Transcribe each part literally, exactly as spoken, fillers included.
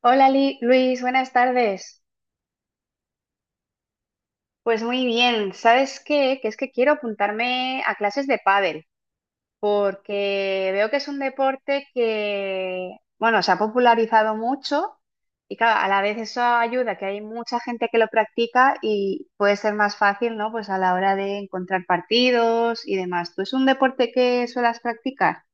Hola Li- Luis, buenas tardes. Pues muy bien, ¿sabes qué? Que es que quiero apuntarme a clases de pádel, porque veo que es un deporte que, bueno, se ha popularizado mucho y claro, a la vez eso ayuda, que hay mucha gente que lo practica y puede ser más fácil, ¿no? Pues a la hora de encontrar partidos y demás. ¿Tú es un deporte que suelas practicar?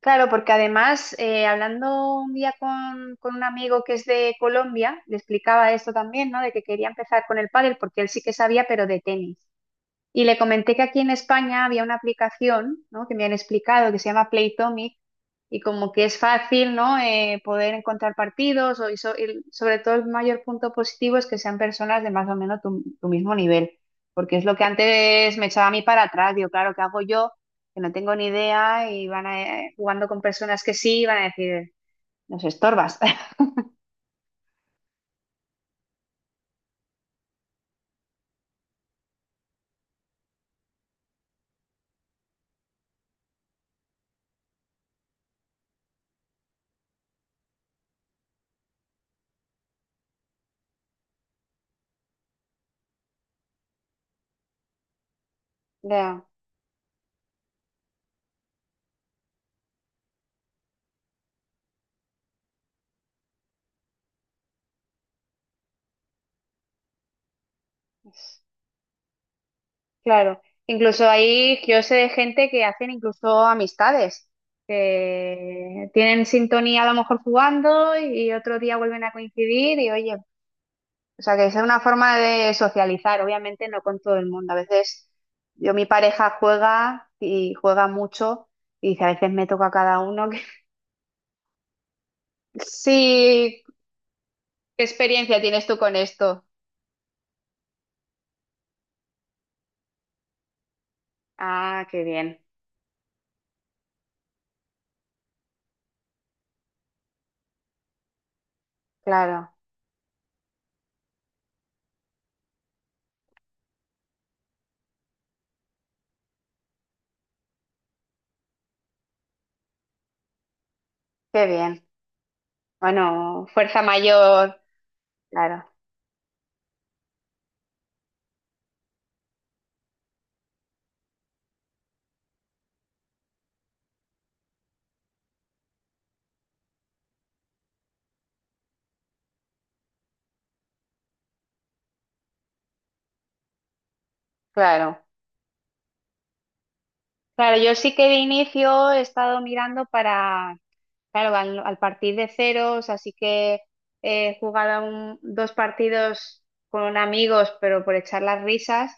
Claro, porque además, eh, hablando un día con, con un amigo que es de Colombia, le explicaba esto también, ¿no? De que quería empezar con el pádel porque él sí que sabía, pero de tenis. Y le comenté que aquí en España había una aplicación, ¿no? Que me han explicado que se llama Playtomic y como que es fácil, ¿no? Eh, poder encontrar partidos o, y so- y sobre todo el mayor punto positivo es que sean personas de más o menos tu, tu mismo nivel, porque es lo que antes me echaba a mí para atrás, digo, claro, ¿qué hago yo? Que no tengo ni idea y van a, eh, jugando con personas que sí, van a decir, nos estorbas. Ya, claro, incluso ahí yo sé de gente que hacen incluso amistades, que tienen sintonía a lo mejor jugando y otro día vuelven a coincidir y oye, o sea que es una forma de socializar, obviamente no con todo el mundo. A veces yo mi pareja juega y juega mucho y dice, a veces me toca a cada uno. que- Sí, ¿qué experiencia tienes tú con esto? Ah, qué bien, claro, qué bien. Bueno, fuerza mayor, claro, claro. Claro, yo sí que de inicio he estado mirando para, claro, al, al partir de ceros, así que he jugado un- dos partidos con amigos, pero por echar las risas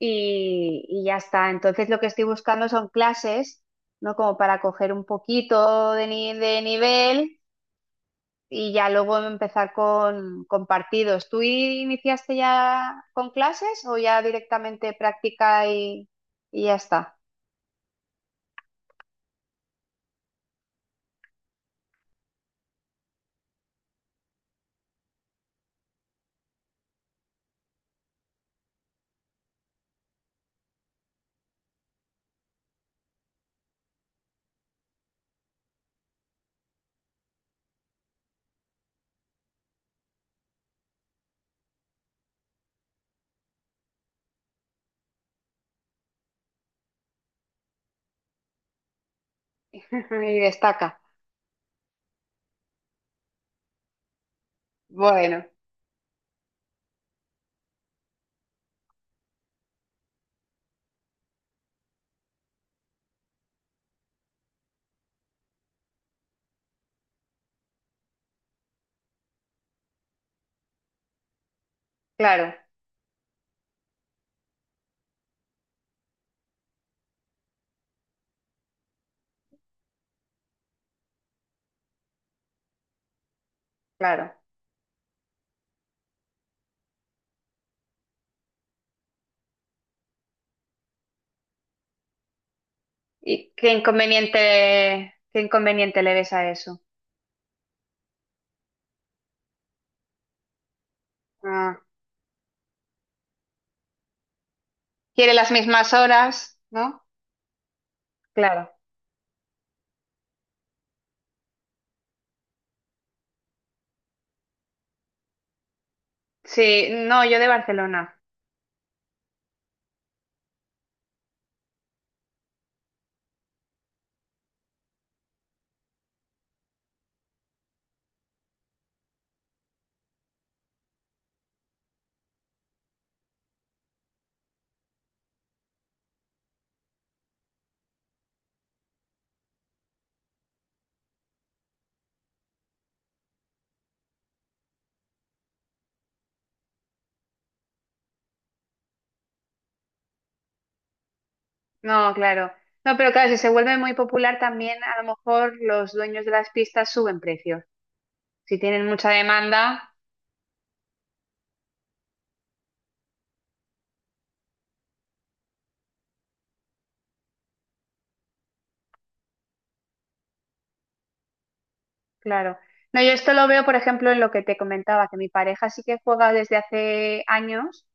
y, y ya está. Entonces lo que estoy buscando son clases, ¿no? Como para coger un poquito de, ni- de nivel y ya luego empezar con, con partidos. ¿Tú iniciaste ya con clases o ya directamente práctica y, y ya está? Y destaca. Bueno, claro, claro. ¿Y qué inconveniente, qué inconveniente le ves a eso? Ah, quiere las mismas horas, ¿no? Claro. Sí, no, yo de Barcelona. No, claro. No, pero claro, si se vuelve muy popular también, a lo mejor los dueños de las pistas suben precios. Si tienen mucha demanda, claro. No, yo esto lo veo, por ejemplo, en lo que te comentaba, que mi pareja sí que juega desde hace años.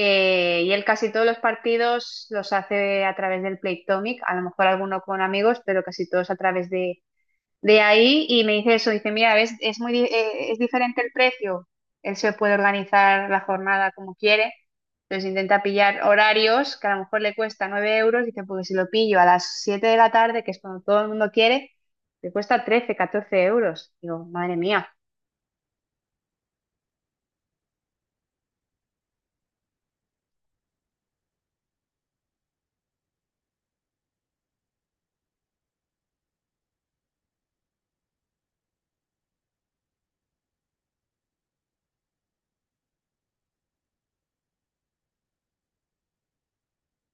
Eh, y él casi todos los partidos los hace a través del Playtomic, a lo mejor alguno con amigos, pero casi todos a través de, de ahí. Y me dice eso, dice, mira, ves, es muy, di- eh, es diferente el precio. Él se puede organizar la jornada como quiere. Entonces intenta pillar horarios que a lo mejor le cuesta nueve euros. Dice, porque si lo pillo a las siete de la tarde, que es cuando todo el mundo quiere, le cuesta trece catorce euros. Digo, madre mía,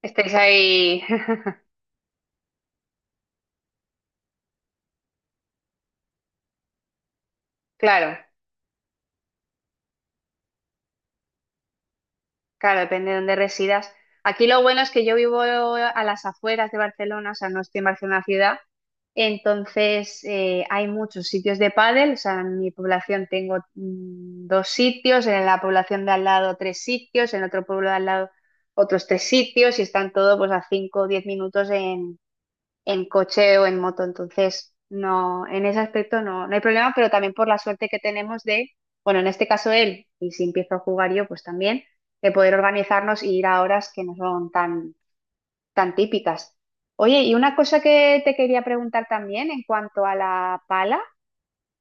estáis ahí. Claro. Claro, depende de dónde residas. Aquí lo bueno es que yo vivo a las afueras de Barcelona, o sea, no estoy en Barcelona ciudad, entonces eh, hay muchos sitios de pádel, o sea, en mi población tengo mm, dos sitios, en la población de al lado tres sitios, en otro pueblo de al lado otros tres sitios y están todos pues a cinco o diez minutos en coche o en moto. Entonces, no, en ese aspecto no, no hay problema, pero también por la suerte que tenemos de, bueno, en este caso él, y si empiezo a jugar yo, pues también, de poder organizarnos y ir a horas que no son tan, tan típicas. Oye, y una cosa que te quería preguntar también en cuanto a la pala,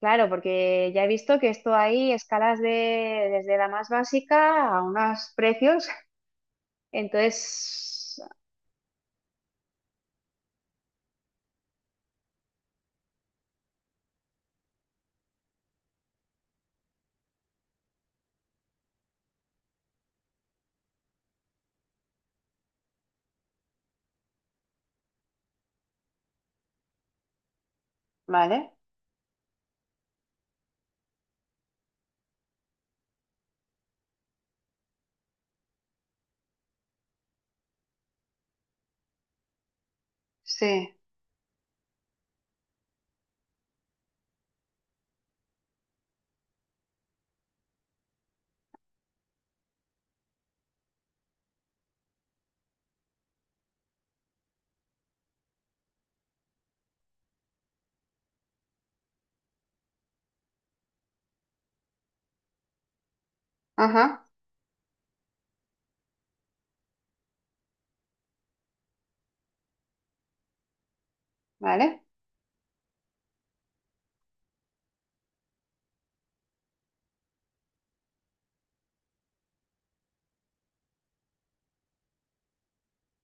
claro, porque ya he visto que esto hay escalas de, desde la más básica a unos precios, entonces, vale, sí, ajá, vale,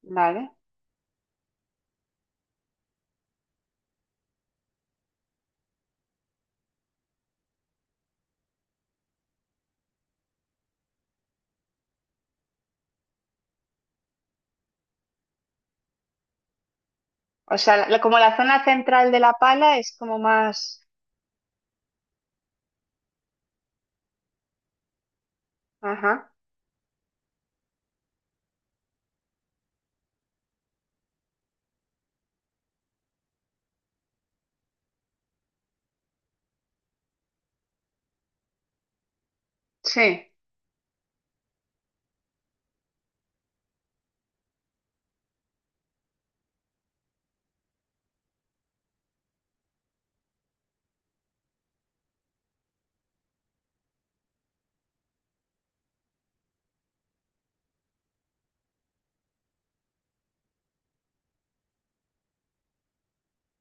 vale. O sea, la- como la zona central de la pala es como más... Ajá, sí,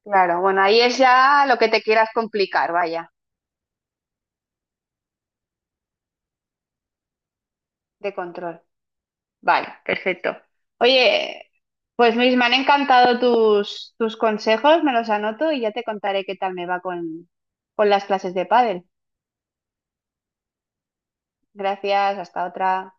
claro. Bueno, ahí es ya lo que te quieras complicar, vaya, de control. Vale, perfecto. Oye, pues Luis, me han encantado tus, tus consejos, me los anoto y ya te contaré qué tal me va con, con las clases de pádel. Gracias, hasta otra.